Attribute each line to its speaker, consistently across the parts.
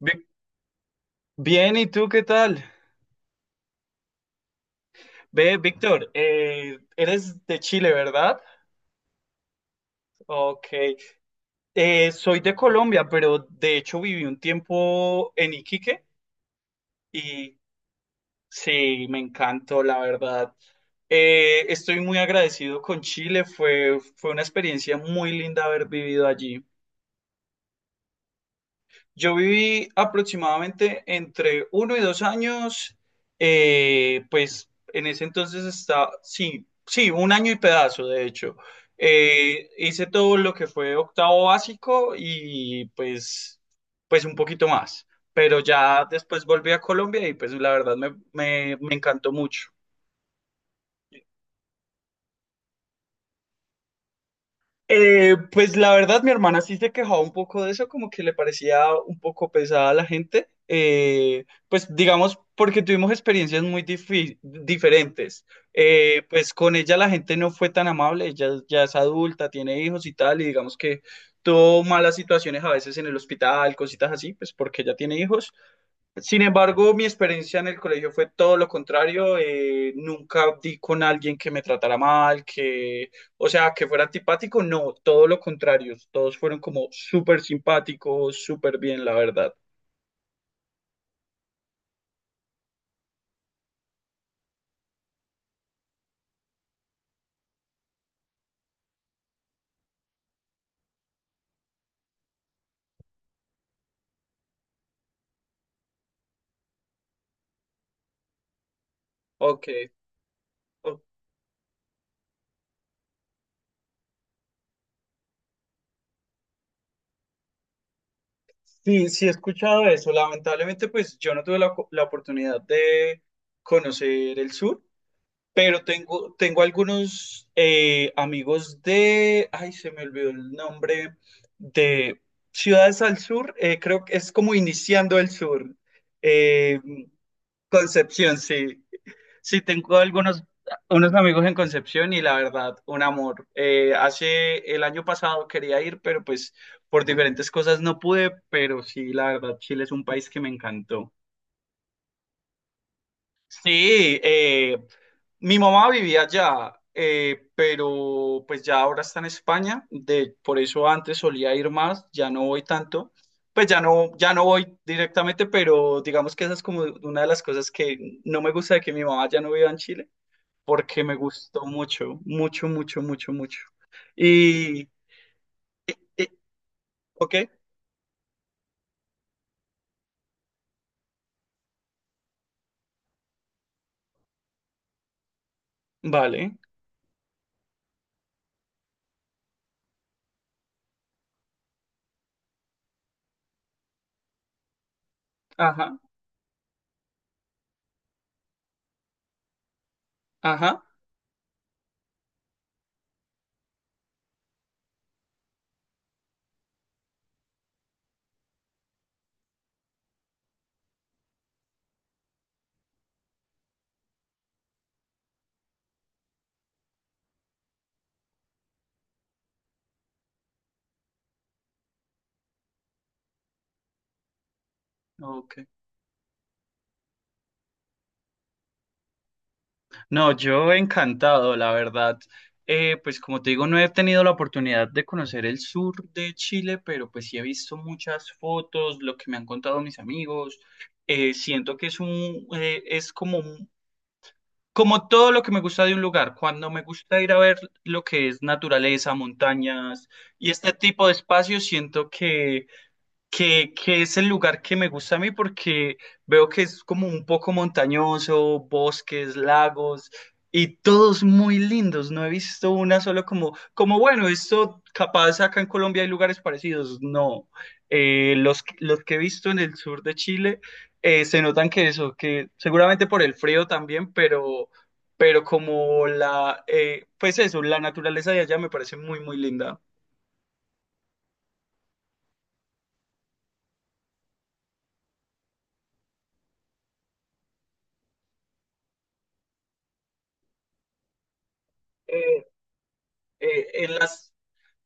Speaker 1: Vic- Bien, ¿y tú qué tal? Ve, Víctor, eres de Chile, ¿verdad? Ok. Soy de Colombia, pero de hecho viví un tiempo en Iquique y sí, me encantó, la verdad. Estoy muy agradecido con Chile, fue una experiencia muy linda haber vivido allí. Yo viví aproximadamente entre uno y dos años, pues en ese entonces está, sí, un año y pedazo, de hecho. Hice todo lo que fue octavo básico y pues, pues un poquito más, pero ya después volví a Colombia y pues la verdad me encantó mucho. Pues la verdad, mi hermana sí se quejaba un poco de eso, como que le parecía un poco pesada a la gente. Pues digamos, porque tuvimos experiencias muy diferentes. Pues con ella la gente no fue tan amable, ella ya es adulta, tiene hijos y tal, y digamos que tuvo malas situaciones a veces en el hospital, cositas así, pues porque ella tiene hijos. Sin embargo, mi experiencia en el colegio fue todo lo contrario. Nunca di con alguien que me tratara mal, que, o sea, que fuera antipático. No, todo lo contrario. Todos fueron como súper simpáticos, súper bien, la verdad. Ok. o- Sí, sí he escuchado eso. Lamentablemente, pues yo no tuve la oportunidad de conocer el sur. Pero tengo algunos amigos de, ay, se me olvidó el nombre, de Ciudades al Sur, creo que es como iniciando el sur, eh, Concepción, sí. Sí, tengo algunos unos amigos en Concepción y la verdad, un amor. Hace el año pasado quería ir, pero pues por diferentes cosas no pude, pero sí, la verdad, Chile es un país que me encantó. Sí, mi mamá vivía allá, pero pues ya ahora está en España, de, por eso antes solía ir más, ya no voy tanto, pues ya no, ya no voy directamente, pero digamos que esa es como una de las cosas que no me gusta de que mi mamá ya no viva en Chile, porque me gustó mucho, mucho, mucho, mucho, mucho. Y, y- ok, vale, ajá, ajá, ok. No, yo encantado, la verdad. Pues como te digo, no he tenido la oportunidad de conocer el sur de Chile, pero pues sí he visto muchas fotos, lo que me han contado mis amigos. Siento que es un, es como, como todo lo que me gusta de un lugar. Cuando me gusta ir a ver lo que es naturaleza, montañas y este tipo de espacios, siento que que es el lugar que me gusta a mí porque veo que es como un poco montañoso, bosques, lagos y todos muy lindos. No he visto una solo como, como bueno, esto capaz acá en Colombia hay lugares parecidos. No, los que he visto en el sur de Chile se notan que eso, que seguramente por el frío también, pero como la, pues eso, la naturaleza de allá me parece muy, muy linda. Eh, en las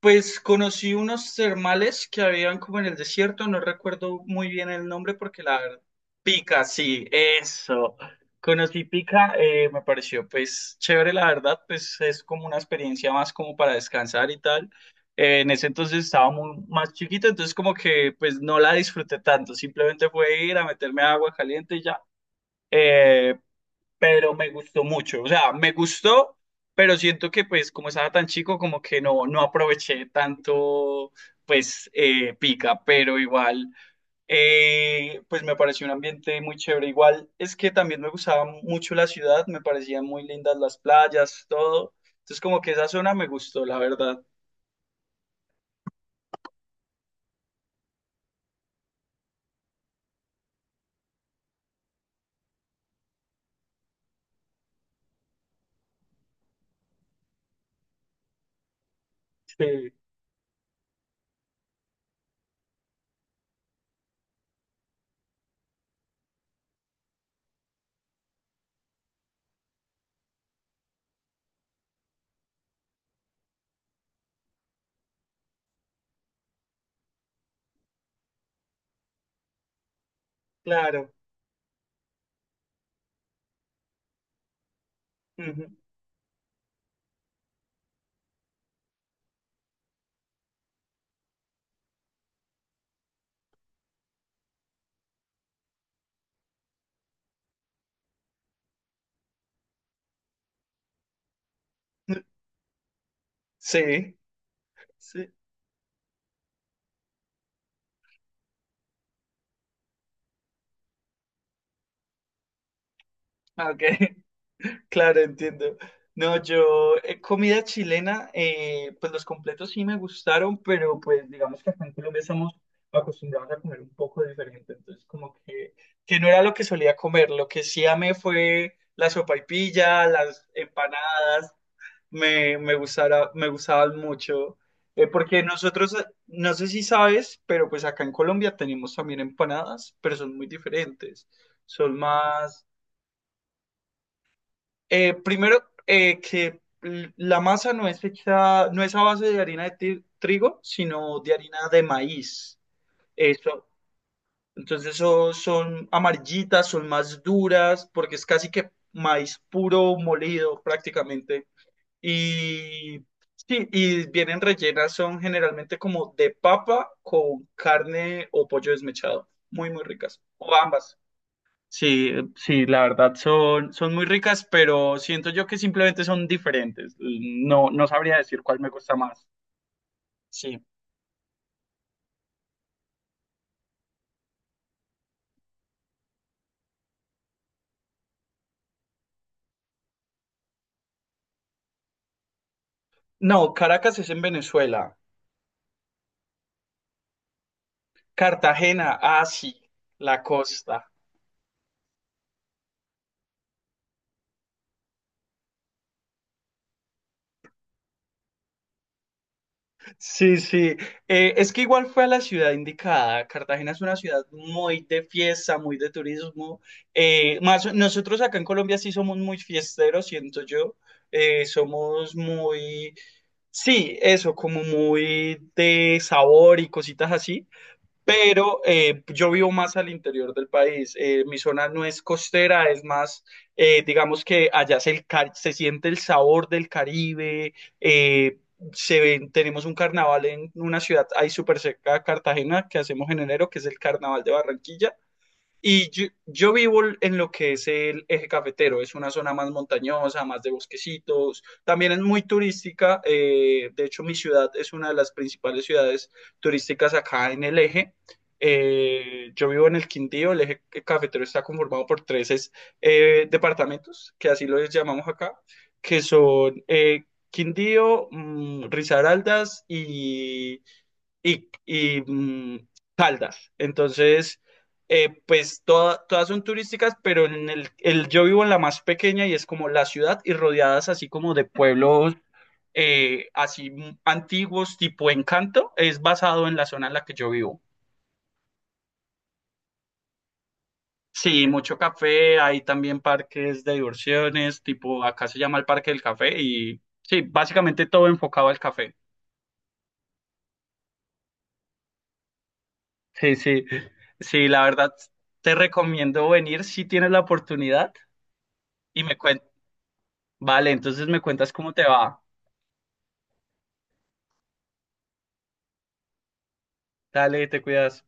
Speaker 1: pues conocí unos termales que habían como en el desierto, no recuerdo muy bien el nombre porque la verdad. Pica, sí, eso. Conocí Pica, me pareció pues chévere, la verdad, pues es como una experiencia más como para descansar y tal. En ese entonces estaba muy, más chiquito, entonces como que pues no la disfruté tanto, simplemente fue ir a meterme agua caliente y ya. Eh, pero me gustó mucho. O sea, me gustó, pero siento que pues como estaba tan chico, como que no, no aproveché tanto pues pica, pero igual pues me pareció un ambiente muy chévere. Igual es que también me gustaba mucho la ciudad, me parecían muy lindas las playas, todo. Entonces como que esa zona me gustó, la verdad. Sí, claro. Ujú. Sí, sí. Ok. Claro, entiendo. No, yo, comida chilena, pues los completos sí me gustaron, pero pues digamos que acá en Colombia estamos acostumbrados a comer un poco diferente, entonces como que no era lo que solía comer, lo que sí amé fue la sopaipilla, las empanadas, me gustaban mucho, porque nosotros, no sé si sabes, pero pues acá en Colombia tenemos también empanadas, pero son muy diferentes, son más primero, que la masa no es hecha, no es a base de harina de trigo, sino de harina de maíz. Eso, entonces eso son amarillitas, son más duras, porque es casi que maíz puro molido prácticamente. Y sí, y vienen rellenas, son generalmente como de papa con carne o pollo desmechado. Muy, muy ricas. O ambas. Sí, sí, la verdad son, son muy ricas, pero siento yo que simplemente son diferentes. No, no sabría decir cuál me gusta más. Sí. No, Caracas es en Venezuela. Cartagena, ah, sí, la costa. Sí, sí. Es que igual fue a la ciudad indicada. Cartagena es una ciudad muy de fiesta, muy de turismo. Más, nosotros acá en Colombia sí somos muy fiesteros, siento yo. Somos muy sí, eso, como muy de sabor y cositas así, pero yo vivo más al interior del país. Mi zona no es costera, es más, digamos que allá se, el se siente el sabor del Caribe. eh, Se ven, tenemos un carnaval en una ciudad ahí súper cerca de Cartagena que hacemos en enero, que es el Carnaval de Barranquilla. Y yo vivo en lo que es el eje cafetero, es una zona más montañosa, más de bosquecitos, también es muy turística, de hecho mi ciudad es una de las principales ciudades turísticas acá en el eje. Yo vivo en el Quindío, el eje cafetero está conformado por tres departamentos, que así los llamamos acá, que son Quindío, Risaraldas y, y, mm, Caldas. Entonces, pues todas son turísticas, pero en yo vivo en la más pequeña y es como la ciudad y rodeadas así como de pueblos así antiguos, tipo Encanto, es basado en la zona en la que yo vivo. Sí, mucho café, hay también parques de diversiones, tipo acá se llama el Parque del Café y sí, básicamente todo enfocado al café. Sí, sí, sí, la verdad te recomiendo venir si tienes la oportunidad. Y me cuentas, vale, entonces me cuentas cómo te va. Dale, te cuidas.